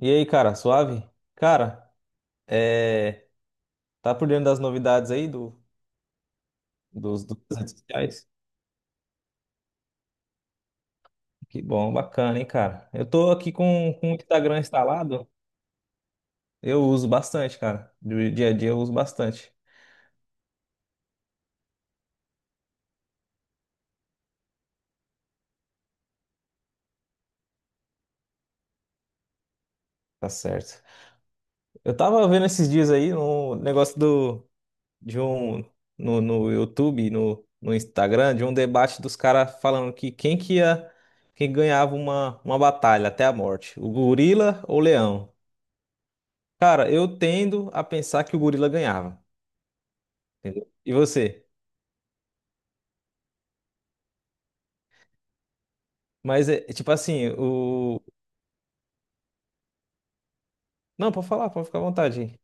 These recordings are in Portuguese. E aí, cara, suave? Cara, é... tá por dentro das novidades aí do, dos, dos das redes sociais? Que bom, bacana, hein, cara? Eu tô aqui com o Instagram instalado, eu uso bastante, cara. Do dia a dia eu uso bastante. Tá certo. Eu tava vendo esses dias aí um negócio de um, no YouTube, no Instagram, de um debate dos caras falando quem ganhava uma batalha até a morte, o gorila ou o leão? Cara, eu tendo a pensar que o gorila ganhava, entendeu? E você? Mas é tipo assim, o. Não, pode falar, pode ficar à vontade.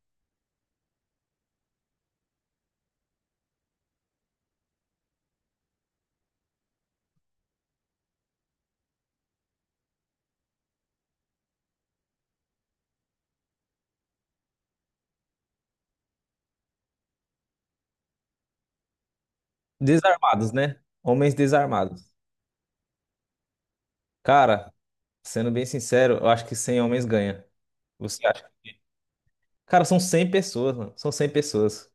Desarmados, né? Homens desarmados. Cara, sendo bem sincero, eu acho que 100 homens ganha. Você acha? Cara, são 100 pessoas, mano. São 100 pessoas.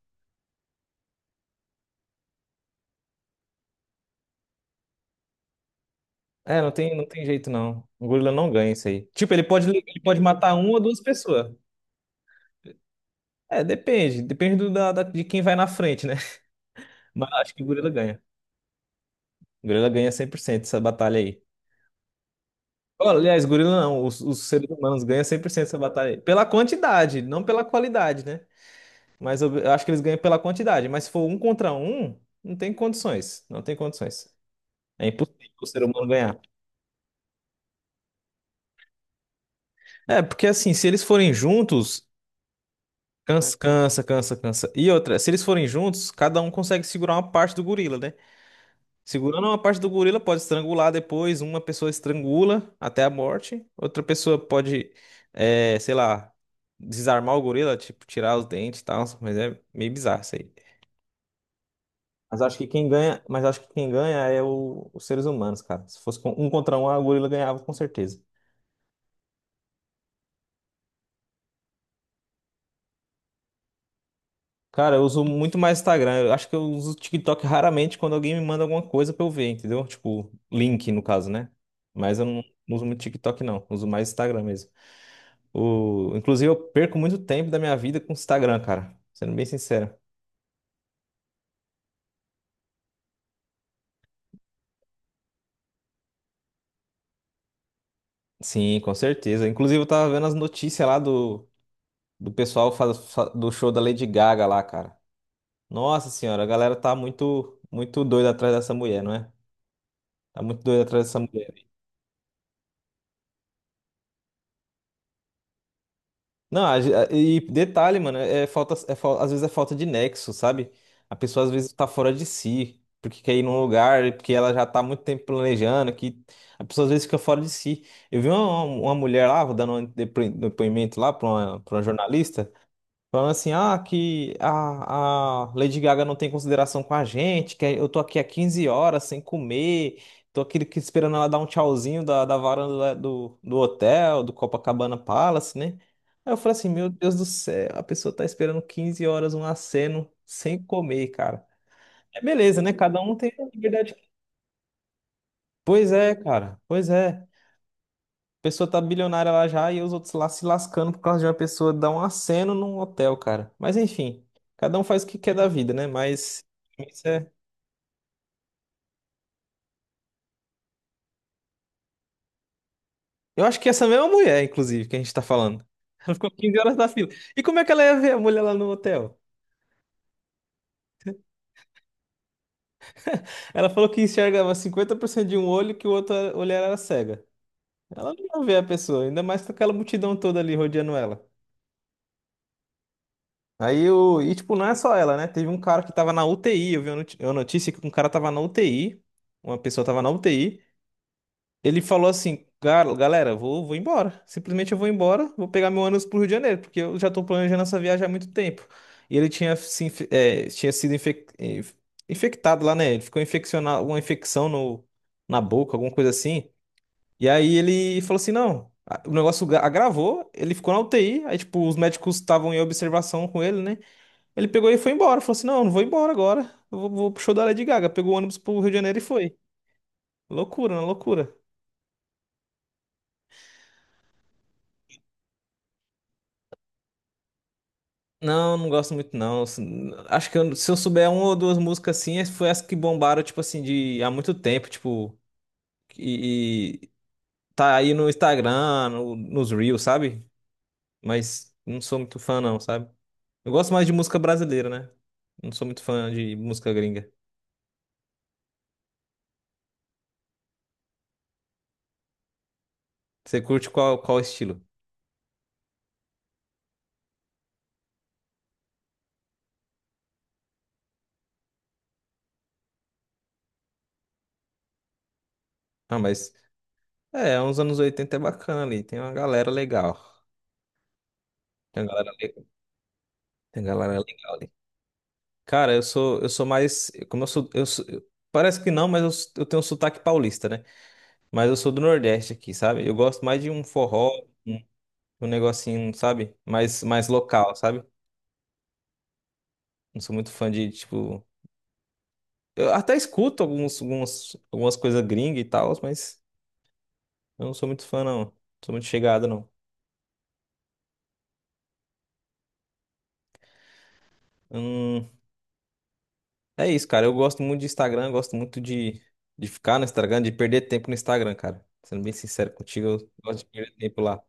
É, não tem jeito não. O gorila não ganha isso aí. Tipo, ele pode matar uma ou duas pessoas. É, depende. Depende de quem vai na frente, né? Mas acho que o gorila ganha. O gorila ganha 100% essa batalha aí. Olha, aliás, gorila não, os seres humanos ganham 100% essa batalha aí. Pela quantidade, não pela qualidade, né? Mas eu acho que eles ganham pela quantidade. Mas se for um contra um, não tem condições. Não tem condições. É impossível o ser humano ganhar. É, porque assim, se eles forem juntos, cansa, cansa, cansa, cansa. E outra, se eles forem juntos, cada um consegue segurar uma parte do gorila, né? Segurando uma parte do gorila pode estrangular depois, uma pessoa estrangula até a morte, outra pessoa pode, é, sei lá, desarmar o gorila, tipo, tirar os dentes e tal, mas é meio bizarro isso aí. Mas acho que quem ganha é os seres humanos, cara. Se fosse um contra um, a gorila ganhava com certeza. Cara, eu uso muito mais Instagram. Eu acho que eu uso o TikTok raramente quando alguém me manda alguma coisa pra eu ver, entendeu? Tipo, link no caso, né? Mas eu não uso muito TikTok, não. Uso mais Instagram mesmo. Inclusive, eu perco muito tempo da minha vida com o Instagram, cara. Sendo bem sincero. Sim, com certeza. Inclusive, eu tava vendo as notícias lá do, do pessoal faz- fa- do show da Lady Gaga lá, cara. Nossa senhora, a galera tá muito, muito doida atrás dessa mulher, não é? Tá muito doida atrás dessa mulher. Não, e detalhe, mano, é falta, às vezes é falta de nexo, sabe? A pessoa às vezes tá fora de si, porque quer ir num lugar, porque ela já tá há muito tempo planejando, que a pessoa às vezes fica fora de si. Eu vi uma mulher lá, vou dando um depoimento lá pra uma jornalista, falando assim, ah, que a Lady Gaga não tem consideração com a gente, que é, eu tô aqui há 15 horas sem comer, tô aqui esperando ela dar um tchauzinho da varanda lá do hotel, do Copacabana Palace, né? Aí eu falei assim, meu Deus do céu, a pessoa tá esperando 15 horas um aceno sem comer, cara. É beleza, né? Cada um tem a liberdade. Pois é, cara, pois é. Pessoa tá bilionária lá já e os outros lá se lascando por causa de uma pessoa dar um aceno num hotel, cara. Mas enfim, cada um faz o que quer da vida, né? Mas isso. Eu acho que essa mesma mulher, inclusive, que a gente tá falando. Ela ficou 15 horas na fila. E como é que ela ia ver a mulher lá no hotel? Ela falou que enxergava 50% de um olho e que o outro olho era cega. Ela não ia ver a pessoa, ainda mais com aquela multidão toda ali rodeando ela. Aí o. E tipo, não é só ela, né? Teve um cara que tava na UTI. Eu vi uma uma notícia que um cara tava na UTI. Uma pessoa tava na UTI. Ele falou assim, galera, vou embora. Simplesmente eu vou embora, vou pegar meu ônibus pro Rio de Janeiro, porque eu já tô planejando essa viagem há muito tempo. E ele tinha, se, inf- eh, tinha sido infectado lá, né? Ele ficou infeccionado, uma infecção no, na boca, alguma coisa assim. E aí ele falou assim, não, o negócio agravou, ele ficou na UTI, aí tipo, os médicos estavam em observação com ele, né? Ele pegou e foi embora, falou assim, não, eu não vou embora agora, eu vou pro show da Lady Gaga. Pegou o ônibus pro Rio de Janeiro e foi. Loucura, né? Loucura. Não, não gosto muito não. Acho que se eu souber uma ou duas músicas assim, foi as que bombaram, tipo assim, de há muito tempo, tipo, e tá aí no Instagram, nos Reels, sabe? Mas não sou muito fã não, sabe? Eu gosto mais de música brasileira, né? Não sou muito fã de música gringa. Você curte qual estilo? Ah, mas é, uns anos 80 é bacana ali, tem uma galera legal. Tem uma galera, le- tem uma galera legal. Cara, eu sou mais. Como eu sou, eu sou- eu- parece que não, mas eu tenho um sotaque paulista, né? Mas eu sou do Nordeste aqui, sabe? Eu gosto mais de um forró, um, um negocinho, sabe? Mais local, sabe? Não sou muito fã de, tipo. Eu até escuto algumas coisas gringas e tal, mas eu não sou muito fã, não. Não sou muito chegado, não. Hum, É isso, cara. Eu gosto muito de Instagram, eu gosto muito de ficar no Instagram, de perder tempo no Instagram, cara. Sendo bem sincero contigo, eu gosto de perder tempo lá.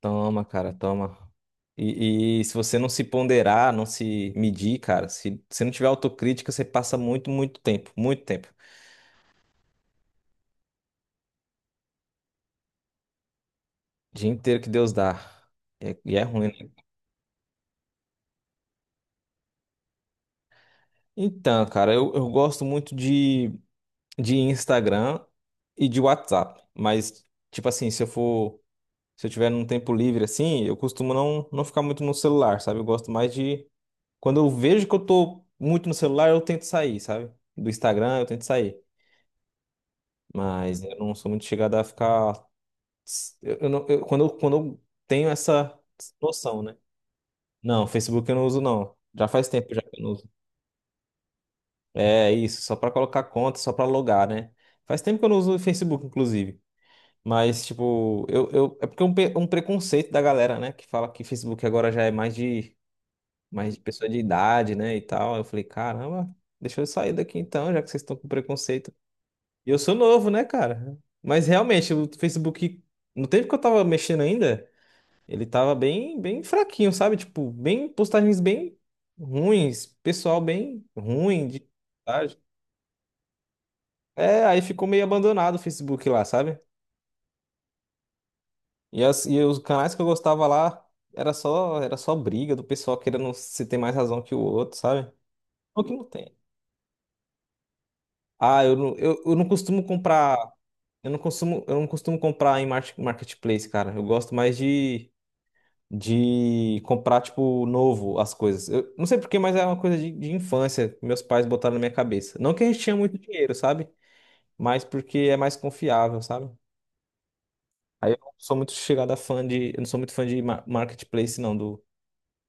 Toma, cara, toma. E se você não se ponderar, não se medir, cara, se você não tiver autocrítica, você passa muito, muito tempo, muito tempo. Dia inteiro que Deus dá. E é ruim, né? Então, cara, eu gosto muito de Instagram e de WhatsApp. Mas, tipo assim, se eu for, se eu tiver num tempo livre assim, eu costumo não ficar muito no celular, sabe? Eu gosto mais de. Quando eu vejo que eu tô muito no celular, eu tento sair, sabe? Do Instagram, eu tento sair. Mas eu não sou muito chegado a ficar. Eu não, eu- quando, eu- quando eu tenho essa noção, né? Não, Facebook eu não uso, não. Já faz tempo já que eu não uso. É isso, só pra colocar conta, só pra logar, né? Faz tempo que eu não uso o Facebook, inclusive. Mas, tipo, é porque é um preconceito da galera, né? Que fala que Facebook agora já é mais de pessoa de idade, né? E tal. Eu falei, caramba, deixa eu sair daqui então, já que vocês estão com preconceito. E eu sou novo, né, cara? Mas realmente, o Facebook, no tempo que eu tava mexendo ainda, ele tava bem, bem fraquinho, sabe? Tipo, bem postagens bem ruins, pessoal bem ruim de postagem. É, aí ficou meio abandonado o Facebook lá, sabe? E e os canais que eu gostava lá era só briga do pessoal querendo se ter mais razão que o outro, sabe? O que não tem. Ah, eu não costumo comprar. Eu não costumo comprar em marketplace, cara. Eu gosto mais de comprar, tipo, novo as coisas. Eu não sei por quê, mas é uma coisa de infância que meus pais botaram na minha cabeça. Não que a gente tinha muito dinheiro, sabe? Mas porque é mais confiável, sabe? Aí eu não sou muito chegada fã de. Eu não sou muito fã de marketplace, não, do,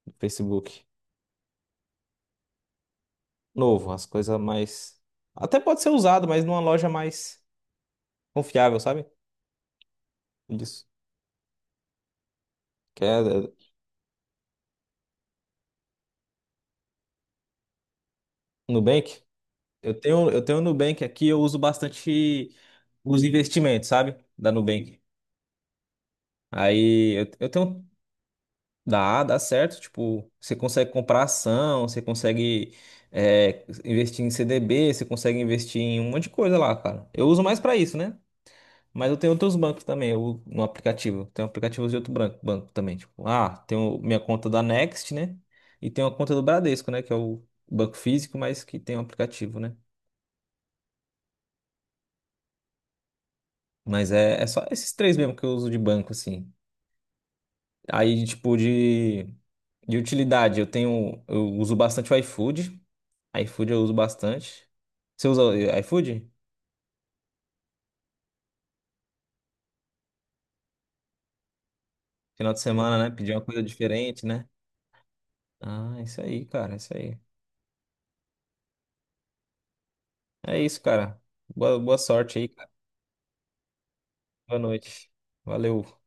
do Facebook. Novo, as coisas mais. Até pode ser usado, mas numa loja mais confiável, sabe? Isso. Que é é, Nubank. Eu tenho o Nubank aqui, eu uso bastante os investimentos, sabe? Da Nubank. Aí eu tenho Dá, dá certo. Tipo, você consegue comprar ação, você consegue investir em CDB, você consegue investir em um monte de coisa lá, cara. Eu uso mais pra isso, né? Mas eu tenho outros bancos também, eu, no aplicativo. Tenho aplicativos de outro banco também. Tipo, ah, tenho minha conta da Next, né? E tenho a conta do Bradesco, né? Que é o banco físico, mas que tem um aplicativo, né? Mas é só esses três mesmo que eu uso de banco, assim. Aí, tipo, de utilidade, eu uso bastante o iFood. iFood eu uso bastante. Você usa o iFood? Final de semana, né? Pedir uma coisa diferente, né? Ah, isso aí, cara, isso aí. É isso, cara. Boa, boa sorte aí, cara. Boa noite. Valeu.